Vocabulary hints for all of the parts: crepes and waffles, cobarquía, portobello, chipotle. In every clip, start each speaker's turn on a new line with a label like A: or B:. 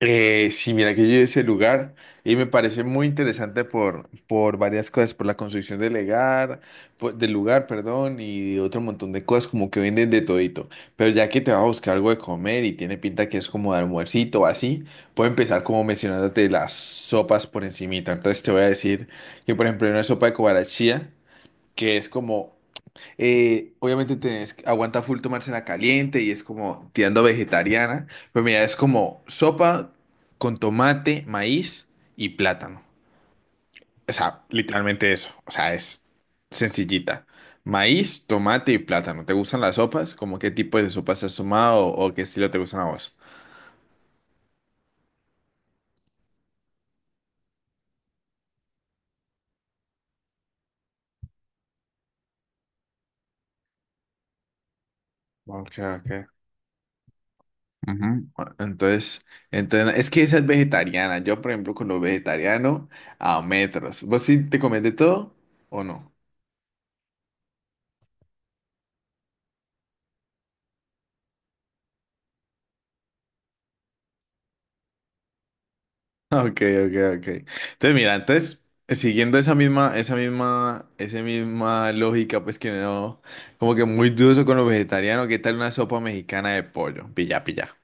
A: Sí, mira que yo he a ese lugar y me parece muy interesante por varias cosas, por la construcción del lugar, del lugar, perdón, y otro montón de cosas como que venden de todito. Pero ya que te vas a buscar algo de comer y tiene pinta que es como de almuercito o así, puedo empezar como mencionándote las sopas por encimita. Entonces te voy a decir que por ejemplo hay una sopa de cobarachía que es como obviamente tenés, aguanta full tomársela caliente y es como tirando vegetariana. Pero mira, es como sopa con tomate, maíz y plátano. O sea, literalmente eso. O sea, es sencillita. Maíz, tomate y plátano. ¿Te gustan las sopas? ¿Cómo qué tipo de sopas has tomado o qué estilo te gustan a vos? Ok, ok. Ujú. Bueno, entonces, es que esa es vegetariana. Yo, por ejemplo, con lo vegetariano, a metros. ¿Vos sí te comes de todo o no? Ok, ok, ok. Entonces, mira, entonces, siguiendo esa misma lógica, pues que no, como que muy dudoso con lo vegetariano, ¿qué tal una sopa mexicana de pollo? Pilla, pilla.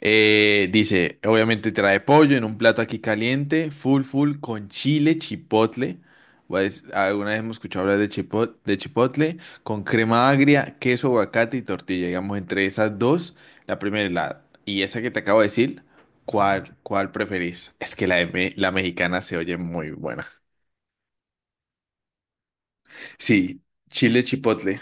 A: Dice, obviamente trae pollo en un plato aquí caliente, full full con chile chipotle. Pues, alguna vez hemos escuchado hablar de chipotle, con crema agria, queso, aguacate y tortilla. Digamos, entre esas dos, la primera y la y esa que te acabo de decir, ¿cuál preferís? Es que la mexicana se oye muy buena. Sí, chile chipotle.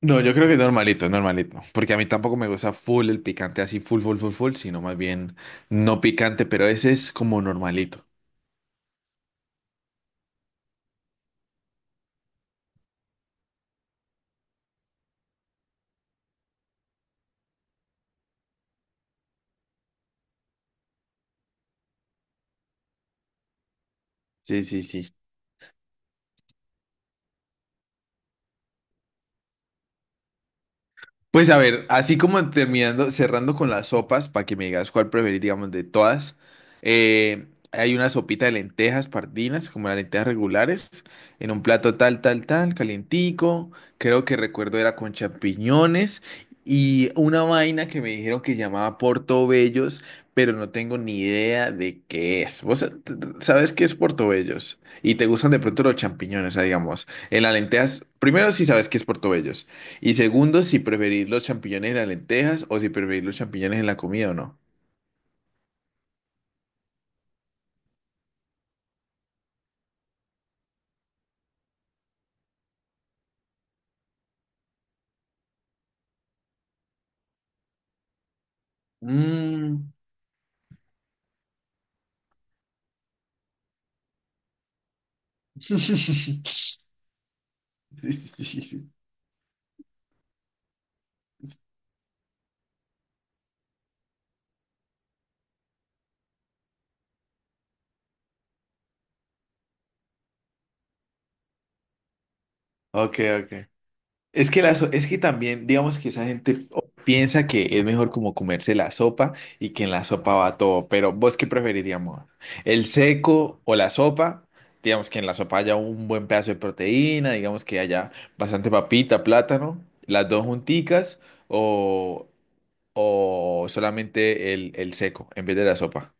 A: No, yo creo que es normalito, es normalito. Porque a mí tampoco me gusta full el picante, así full, sino más bien no picante, pero ese es como normalito. Sí, sí, sí. Pues a ver, así como terminando, cerrando con las sopas, para que me digas cuál preferís, digamos, de todas. eh, hay una sopita de lentejas pardinas, como las lentejas regulares, en un plato tal, calientico. Creo que recuerdo era con champiñones y una vaina que me dijeron que llamaba portobellos, pero no tengo ni idea de qué es. ¿ Sabes qué es portobellos? Y te gustan de pronto los champiñones, o sea, digamos, en las lentejas. Primero, si sabes qué es portobellos. Y segundo, si preferís los champiñones en las lentejas o si preferís los champiñones en la comida o no. Mm. Ok, ok. Es que también, digamos que esa gente piensa que es mejor como comerse la sopa y que en la sopa va todo, pero ¿vos qué preferiríamos? ¿El seco o la sopa? Digamos que en la sopa haya un buen pedazo de proteína, digamos que haya bastante papita, plátano, las dos junticas, o o solamente el seco en vez de la sopa.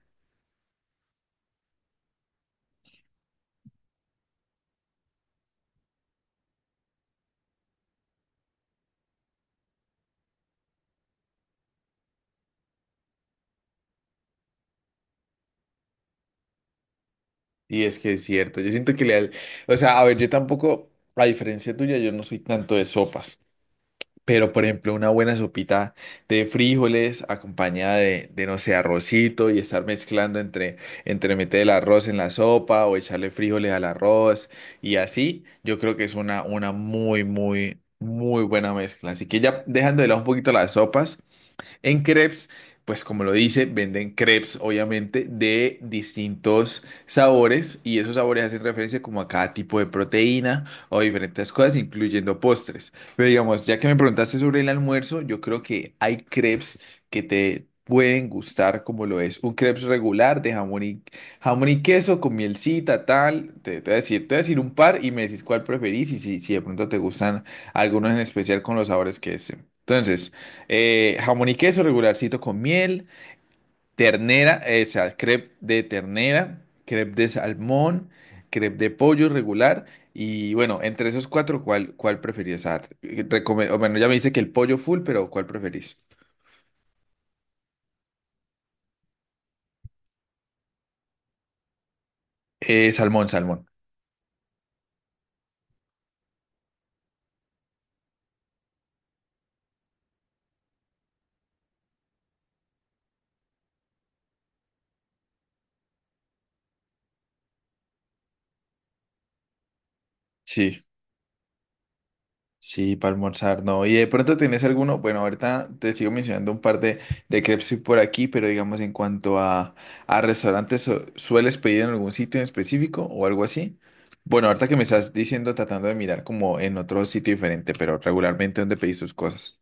A: Y es que es cierto, yo siento que o sea, a ver, yo tampoco, a diferencia tuya, yo no soy tanto de sopas, pero por ejemplo, una buena sopita de frijoles acompañada de no sé, arrocito y estar mezclando entre meter el arroz en la sopa o echarle frijoles al arroz y así, yo creo que es una muy buena mezcla. Así que ya dejando de lado un poquito las sopas. En crepes, pues como lo dice, venden crepes, obviamente, de distintos sabores y esos sabores hacen referencia como a cada tipo de proteína o diferentes cosas, incluyendo postres. Pero digamos, ya que me preguntaste sobre el almuerzo, yo creo que hay crepes que te pueden gustar, como lo es un crepes regular jamón y queso con mielcita, tal. Te voy a decir, te voy a decir un par y me decís cuál preferís y si de pronto te gustan algunos en especial con los sabores que es. Entonces, jamón y queso regularcito con miel, ternera, o sea, crepe de ternera, crepe de salmón, crepe de pollo regular. Y bueno, entre esos cuatro, ¿cuál preferís? Ya me dice que el pollo full, pero ¿cuál preferís? Salmón, salmón. Sí. Sí, para almorzar, no. Y de pronto tienes alguno, bueno, ahorita te sigo mencionando un par de crepes por aquí, pero digamos en cuanto a restaurantes, ¿sueles pedir en algún sitio en específico o algo así? Bueno, ahorita que me estás diciendo, tratando de mirar como en otro sitio diferente, pero regularmente ¿dónde pedís tus cosas?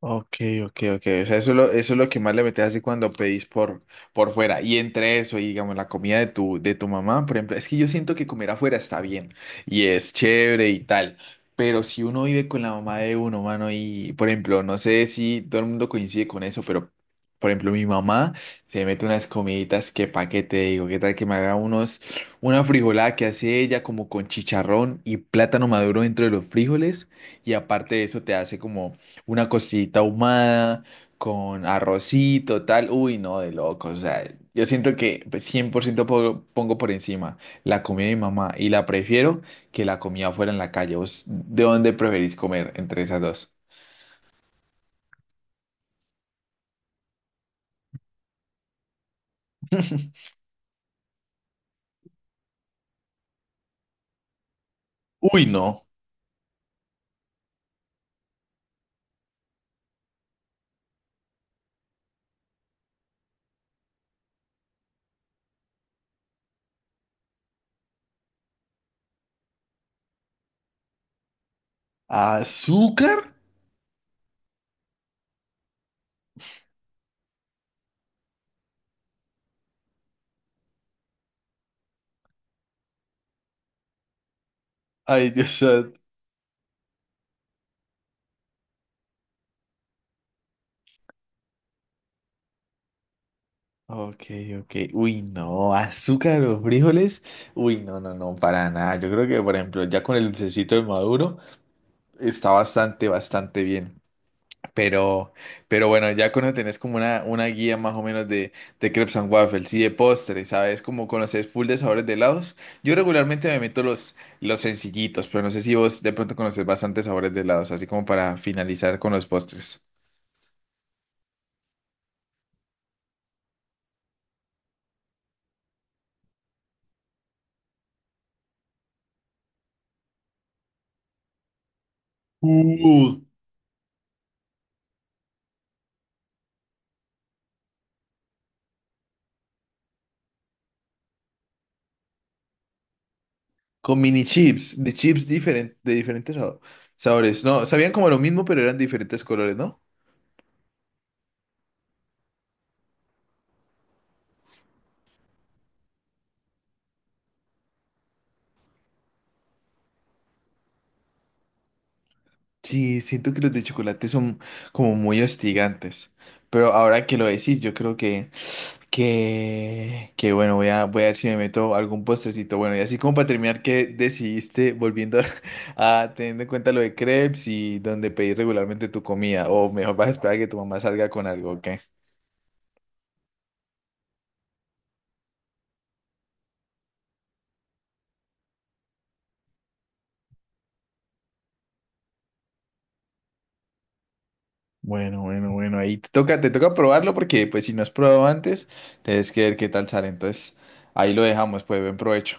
A: Ok, ok, ok. O sea, eso es lo que más le metes así cuando pedís por fuera. Y entre eso, y digamos, la comida de tu mamá, por ejemplo, es que yo siento que comer afuera está bien y es chévere y tal. Pero si uno vive con la mamá de uno, mano, y por ejemplo, no sé si todo el mundo coincide con eso, pero por ejemplo, mi mamá se mete unas comiditas que pa' qué te digo, qué tal que me haga una frijolada que hace ella como con chicharrón y plátano maduro dentro de los frijoles. Y aparte de eso, te hace como. Una costillita ahumada con arrocito, tal. Uy, no, de loco. O sea, yo siento que pues, pongo por encima la comida de mi mamá y la prefiero que la comida fuera en la calle. ¿Vos de dónde preferís comer entre esas dos? Uy, no. ¿Azúcar? Ay, Dios santo. Ok, ok. Uy, no. ¿Azúcar o frijoles? Uy, no, no, no, para nada. Yo creo que, por ejemplo, ya con el dulcecito de maduro está bastante, bastante bien. Pero, pero bueno, ya cuando tenés como una guía más o menos de crepes and waffles y de postres, ¿sabes? Como conoces full de sabores de helados. Yo regularmente me meto los sencillitos, pero no sé si vos de pronto conoces bastantes sabores de helados, así como para finalizar con los postres. Uh, con mini chips, de diferentes sabores. No, sabían como lo mismo, pero eran diferentes colores, ¿no? Sí, siento que los de chocolate son como muy hostigantes. Pero ahora que lo decís, yo creo que... Que bueno, voy a ver si me meto algún postrecito. Bueno, y así como para terminar, ¿qué decidiste volviendo a, teniendo en cuenta lo de crepes y donde pedís regularmente tu comida? O mejor vas a esperar a que tu mamá salga con algo, ¿ok? Bueno, bueno, bueno, ahí te toca probarlo porque pues si no has probado antes, tienes que ver qué tal sale. Entonces, ahí lo dejamos, pues buen provecho.